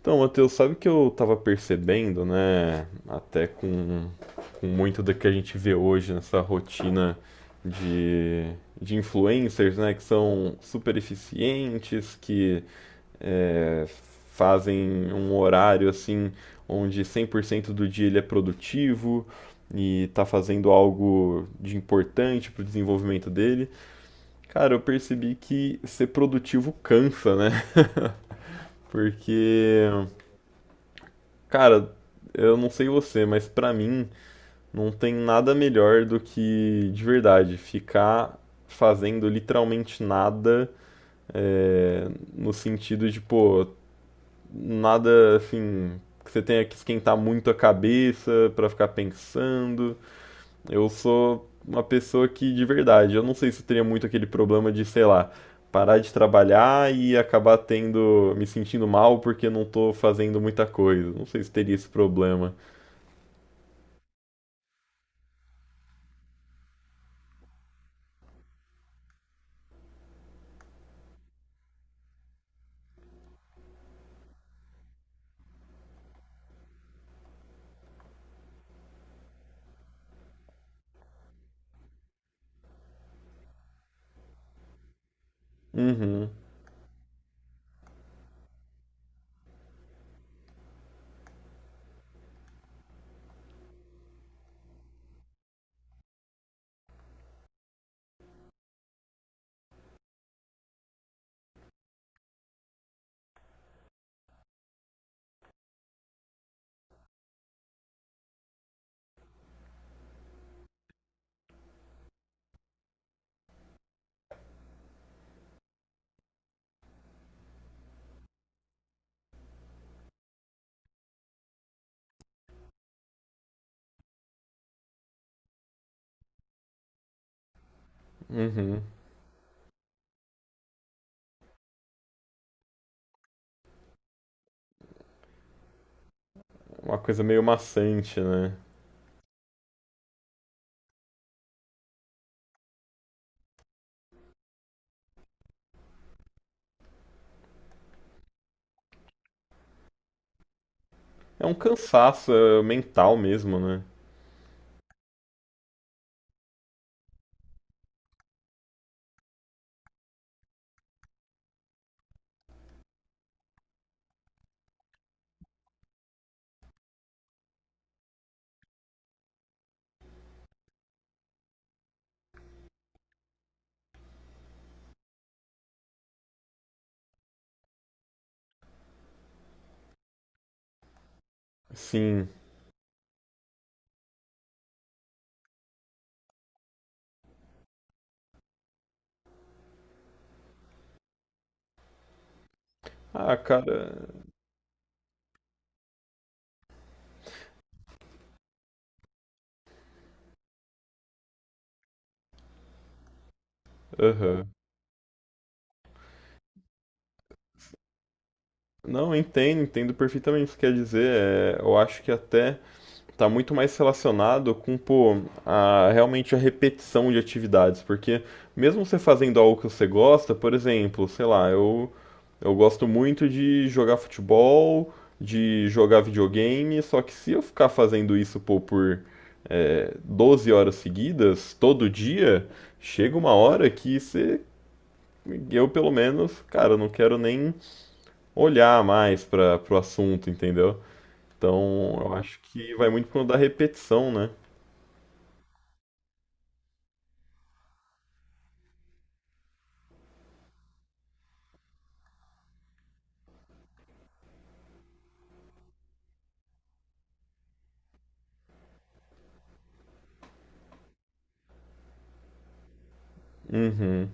Então, Matheus, sabe que eu tava percebendo, né? Até com muito do que a gente vê hoje nessa rotina de, de influencers, né? Que são super eficientes, que é, fazem um horário assim, onde 100% do dia ele é produtivo e tá fazendo algo de importante pro desenvolvimento dele. Cara, eu percebi que ser produtivo cansa, né? Porque. Cara, eu não sei você, mas pra mim não tem nada melhor do que, de verdade, ficar fazendo literalmente nada, é, no sentido de, pô, nada assim, que você tenha que esquentar muito a cabeça pra ficar pensando. Eu sou uma pessoa que, de verdade, eu não sei se eu teria muito aquele problema de, sei lá, parar de trabalhar e acabar tendo, me sentindo mal porque não tô fazendo muita coisa. Não sei se teria esse problema. Uhum, uhum. Uma coisa meio maçante, né? É um cansaço mental mesmo, né? Sim. Ah, cara. Aham. Não, entendo, entendo perfeitamente o que quer dizer. É, eu acho que até tá muito mais relacionado com, pô, a, realmente a repetição de atividades. Porque mesmo você fazendo algo que você gosta, por exemplo, sei lá, eu gosto muito de jogar futebol, de jogar videogame, só que se eu ficar fazendo isso, pô, por 12 horas seguidas, todo dia, chega uma hora que você. Eu, pelo menos, cara, não quero nem olhar mais para pro assunto, entendeu? Então, eu acho que vai muito por conta da repetição, né? Uhum,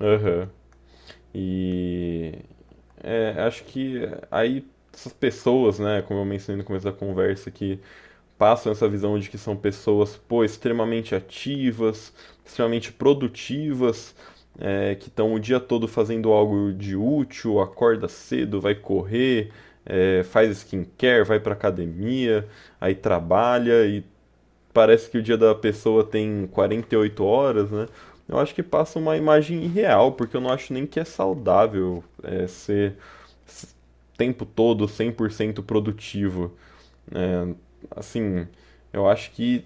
aham. E acho que aí essas pessoas, né, como eu mencionei no começo da conversa, que passam essa visão de que são pessoas, pô, extremamente ativas, extremamente produtivas, que estão o dia todo fazendo algo de útil, acorda cedo, vai correr, faz skincare, vai pra academia, aí trabalha e parece que o dia da pessoa tem 48 horas, né? Eu acho que passa uma imagem irreal, porque eu não acho nem que é saudável s- tempo todo 100% produtivo. Assim, eu acho que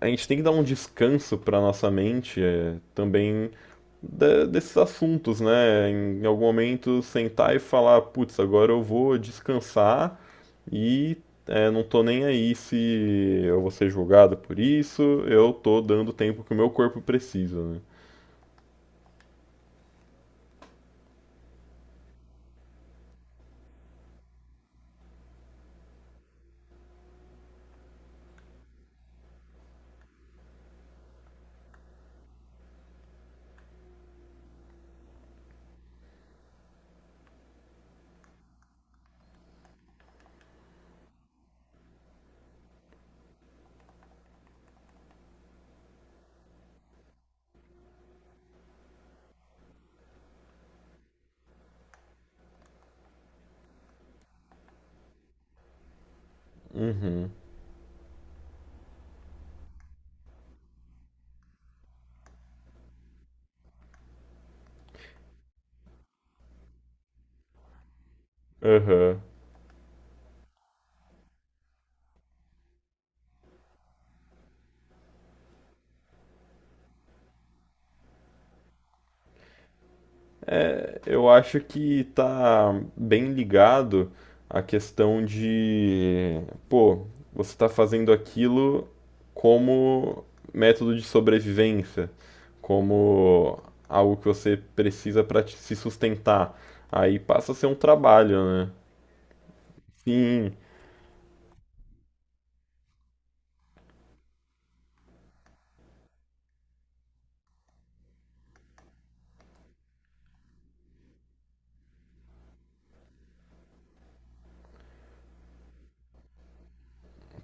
a gente tem que dar um descanso para nossa mente também desses assuntos, né? Em algum momento sentar e falar, putz, agora eu vou descansar e não tô nem aí se eu vou ser julgado por isso, eu tô dando tempo que o meu corpo precisa, né? Aham. Eu acho que tá bem ligado à questão de, pô, você tá fazendo aquilo como método de sobrevivência, como algo que você precisa para se sustentar. Aí passa a ser um trabalho, né? Sim,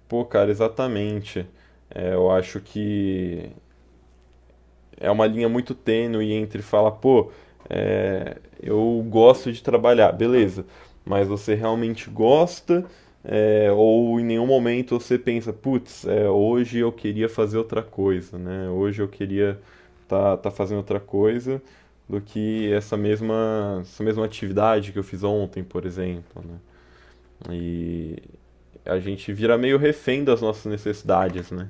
pô, cara, exatamente. É, eu acho que é uma linha muito tênue entre falar, pô, eu gosto de trabalhar, beleza, mas você realmente gosta ou em nenhum momento você pensa, putz, é, hoje eu queria fazer outra coisa, né? Hoje eu queria tá fazendo outra coisa do que essa mesma atividade que eu fiz ontem, por exemplo, né? E a gente vira meio refém das nossas necessidades, né?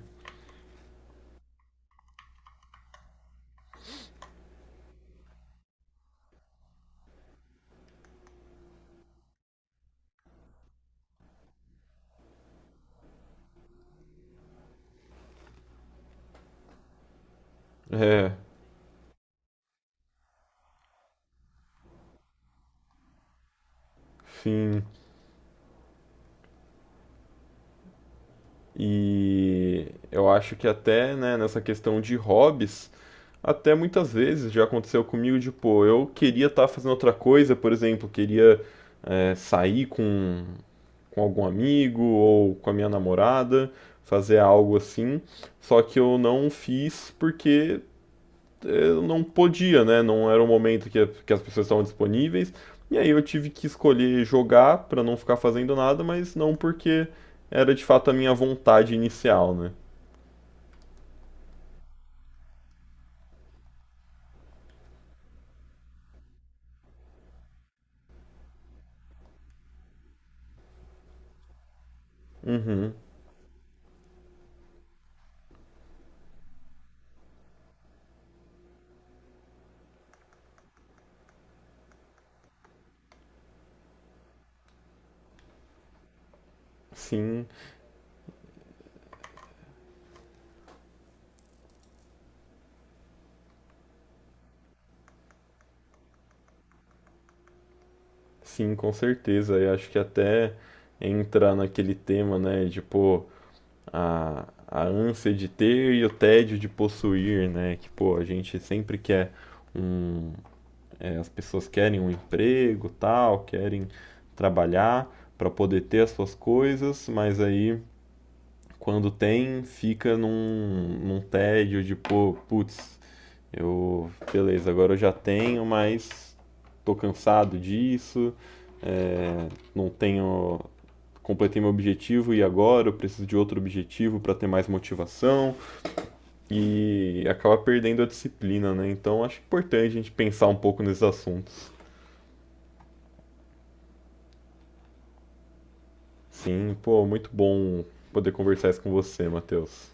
É, enfim. E eu acho que até, né, nessa questão de hobbies, até muitas vezes já aconteceu comigo de, pô, eu queria estar fazendo outra coisa, por exemplo, queria sair com algum amigo ou com a minha namorada, fazer algo assim, só que eu não fiz porque eu não podia, né? Não era o momento que as pessoas estavam disponíveis. E aí eu tive que escolher jogar para não ficar fazendo nada, mas não porque era de fato a minha vontade inicial, né? Uhum. Sim, sim, com certeza. Eu acho que até entra naquele tema, né, de pô, a ânsia de ter e o tédio de possuir, né, que pô, a gente sempre quer um, as pessoas querem um emprego, tal, querem trabalhar para poder ter as suas coisas, mas aí quando tem, fica num tédio de, pô, putz, eu, beleza, agora eu já tenho, mas tô cansado disso, é, não tenho, completei meu objetivo e agora eu preciso de outro objetivo para ter mais motivação e acaba perdendo a disciplina, né? Então acho importante a gente pensar um pouco nesses assuntos. Sim, pô, muito bom poder conversar isso com você, Matheus.